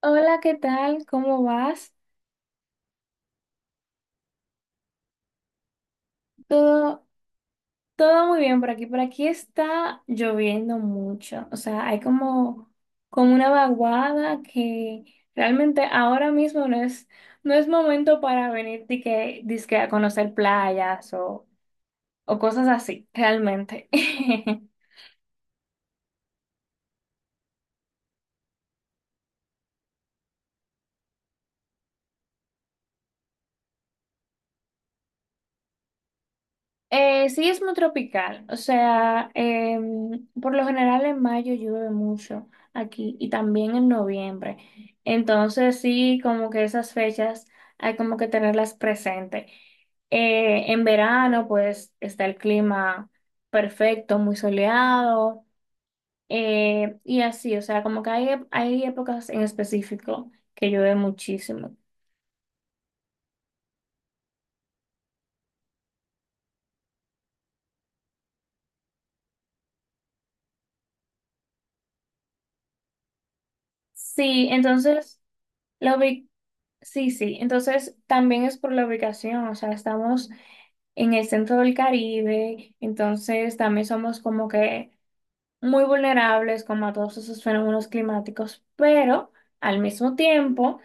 Hola, ¿qué tal? ¿Cómo vas? Todo, todo muy bien por aquí. Por aquí está lloviendo mucho. O sea, hay como, como una vaguada que realmente ahora mismo no es, no es momento para venir dique, dizque a conocer playas o cosas así, realmente. Sí, es muy tropical, o sea, por lo general en mayo llueve mucho aquí y también en noviembre. Entonces sí, como que esas fechas hay como que tenerlas presente. En verano pues está el clima perfecto, muy soleado, y así, o sea, como que hay, hay épocas en específico que llueve muchísimo. Sí, entonces... La ubicación. Sí, sí, entonces también es por la ubicación, o sea, estamos en el centro del Caribe, entonces también somos como que muy vulnerables como a todos esos fenómenos climáticos, pero al mismo tiempo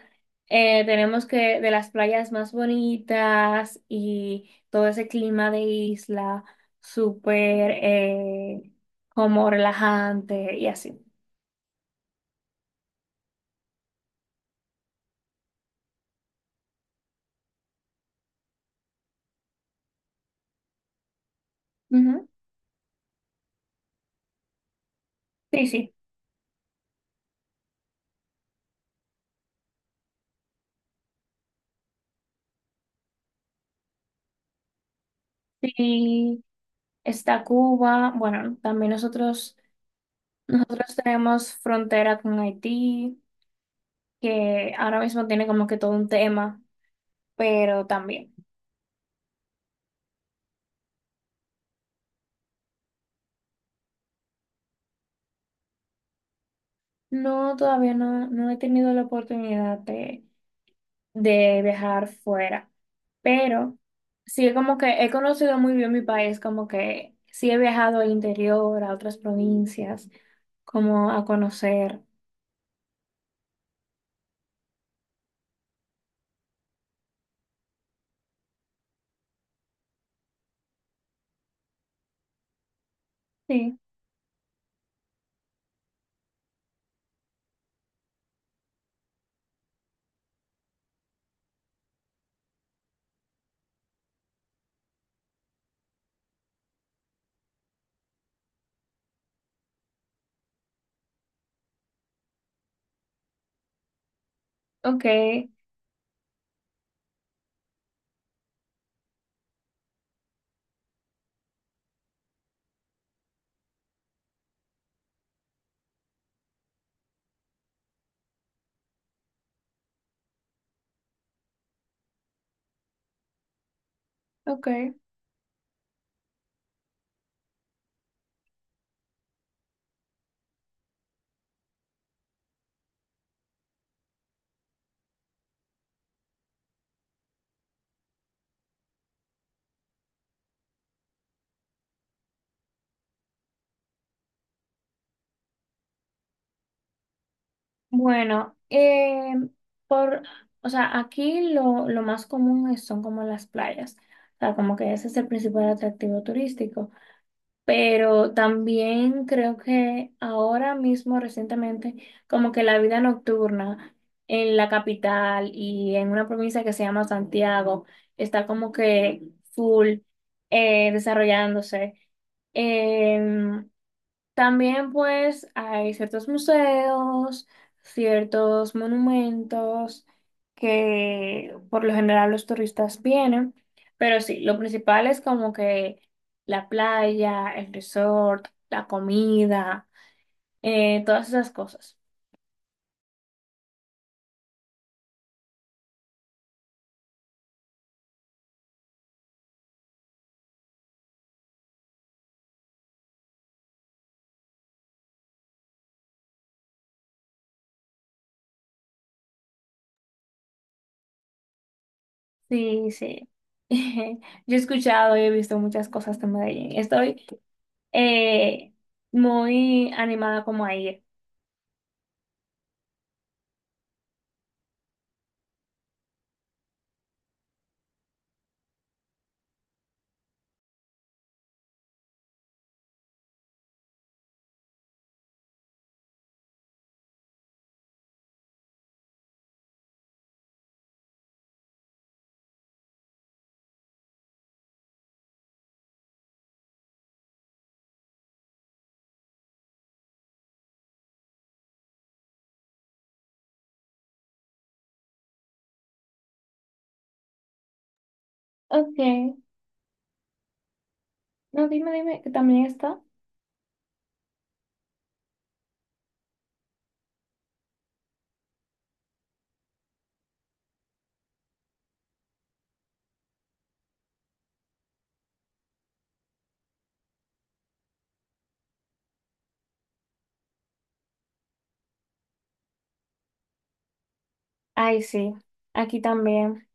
tenemos que de las playas más bonitas y todo ese clima de isla súper, como relajante y así. Ujú. Sí, sí, sí, está Cuba, bueno, también nosotros... Nosotros tenemos frontera con Haití, que ahora mismo tiene como que todo un tema, pero también. No, todavía no, no he tenido la oportunidad de viajar fuera, pero sí como que he conocido muy bien mi país, como que sí he viajado al interior, a otras provincias, como a conocer. Sí, ok, ok. Bueno, por, o sea, aquí lo, son como las playas. O sea, como que ese es el principal atractivo turístico. Pero también creo que ahora mismo, recientemente, como que la vida nocturna en la capital y en una provincia que se llama Santiago está como que full, desarrollándose. Em, También pues hay ciertos museos, ciertos monumentos que por lo general los turistas vienen, pero sí, lo principal es como que la playa, el resort, la comida, todas esas cosas. Sí, sí. Yo he escuchado y he visto muchas cosas de Medellín. Estoy, eh, muy animada como a ir. Ok, no, dime, dime, que también está. Ay, sí, aquí también.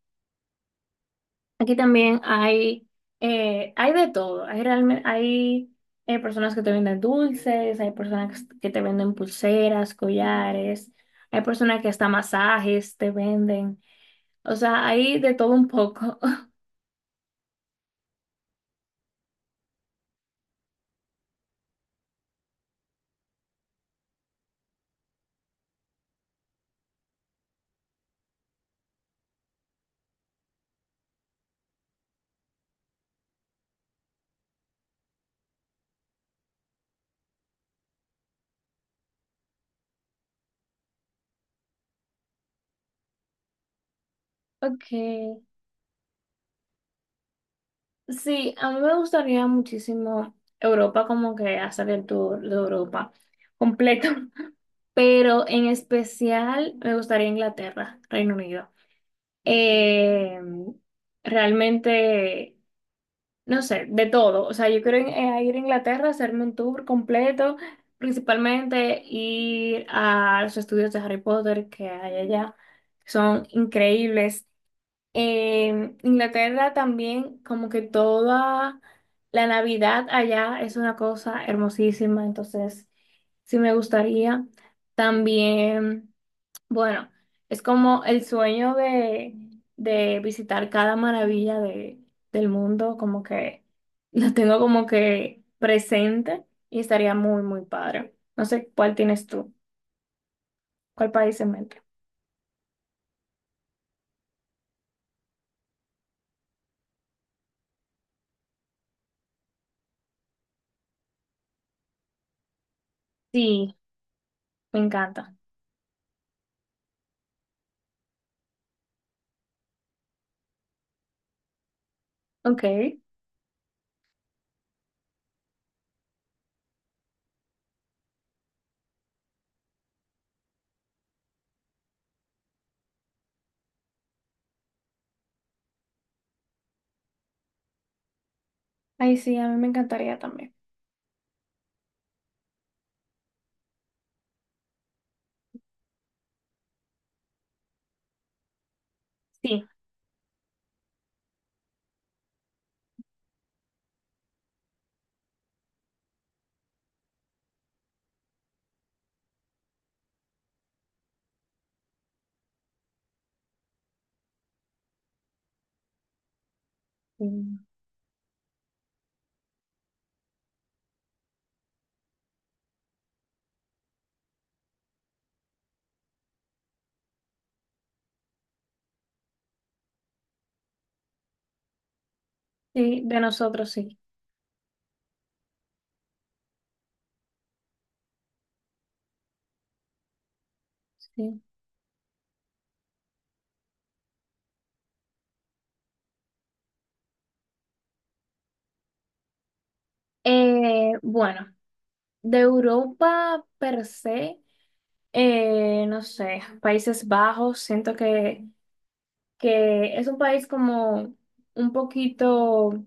Aquí también hay, hay de todo. Hay, realmente, hay, personas que te venden dulces, hay personas que te venden pulseras, collares, hay personas que hasta masajes te venden. O sea, hay de todo un poco. Okay, sí, a mí me gustaría muchísimo Europa, como que hacer el tour de Europa completo, pero en especial me gustaría Inglaterra, Reino Unido. Eh, Realmente, no sé, de todo. O sea, yo quiero ir a Inglaterra, hacerme un tour completo, principalmente ir a los estudios de Harry Potter que hay allá. Son increíbles. En Inglaterra también, como que toda la Navidad allá es una cosa hermosísima, entonces sí me gustaría. También. Bueno, es como el sueño de visitar cada maravilla de, del mundo, como que lo tengo como que presente y estaría muy, muy padre. No sé cuál tienes tú, cuál país en mente. Sí, me encanta. Ok. Ay, sí, a mí me encantaría también. Sí, mm, sí, de nosotros sí. Sí. Bueno, de Europa per se, no sé, Países Bajos, siento que es un país como un poquito,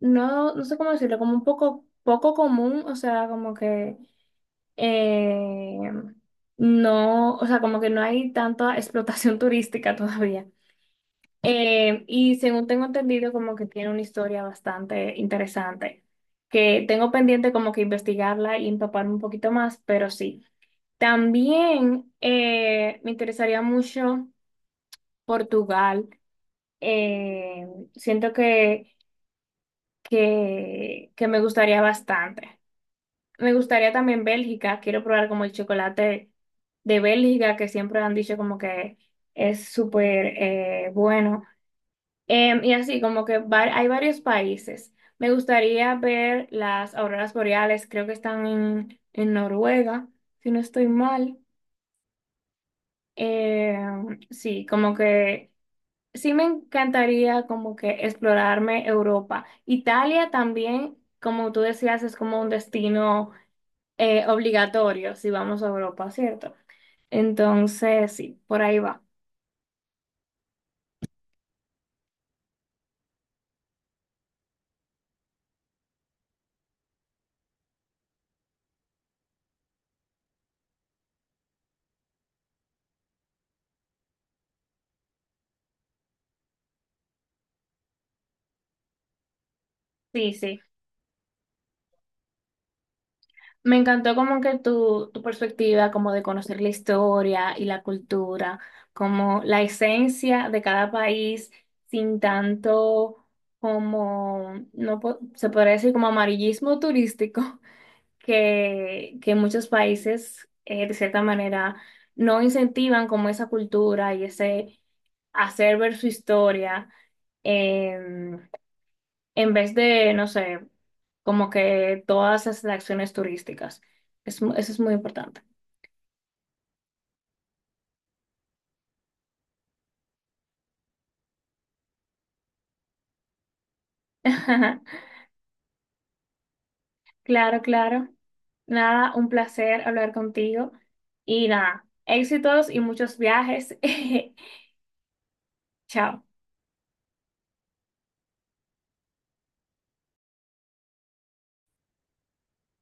no, no sé cómo decirlo, como un poco, poco común, o sea, como que, eh, no, o sea, como que no hay tanta explotación turística todavía. Y según tengo entendido, como que tiene una historia bastante interesante, que tengo pendiente como que investigarla y empaparme un poquito más, pero sí. También, me interesaría mucho Portugal. eh, Siento que me gustaría bastante. Me gustaría también Bélgica, quiero probar como el chocolate de Bélgica, que siempre han dicho como que es súper, bueno. Y así, como que hay varios países. Me gustaría ver las auroras boreales, creo que están en Noruega, si no estoy mal. Sí, como que... Sí me encantaría como que explorarme Europa. Italia también, como tú decías, es como un destino, obligatorio si vamos a Europa, ¿cierto? Entonces, sí, por ahí va. Sí, sí. Me encantó como que tu perspectiva, como de conocer la historia y la cultura, como la esencia de cada país sin tanto como, no po- se podría decir como amarillismo turístico. Que muchos países, de cierta manera, no incentivan como esa cultura y ese hacer ver su historia, em, en vez de, no sé, como que todas esas acciones turísticas. Eso es muy importante. Claro, claro. Nada, un placer hablar contigo y nada, éxitos y muchos viajes. Chao.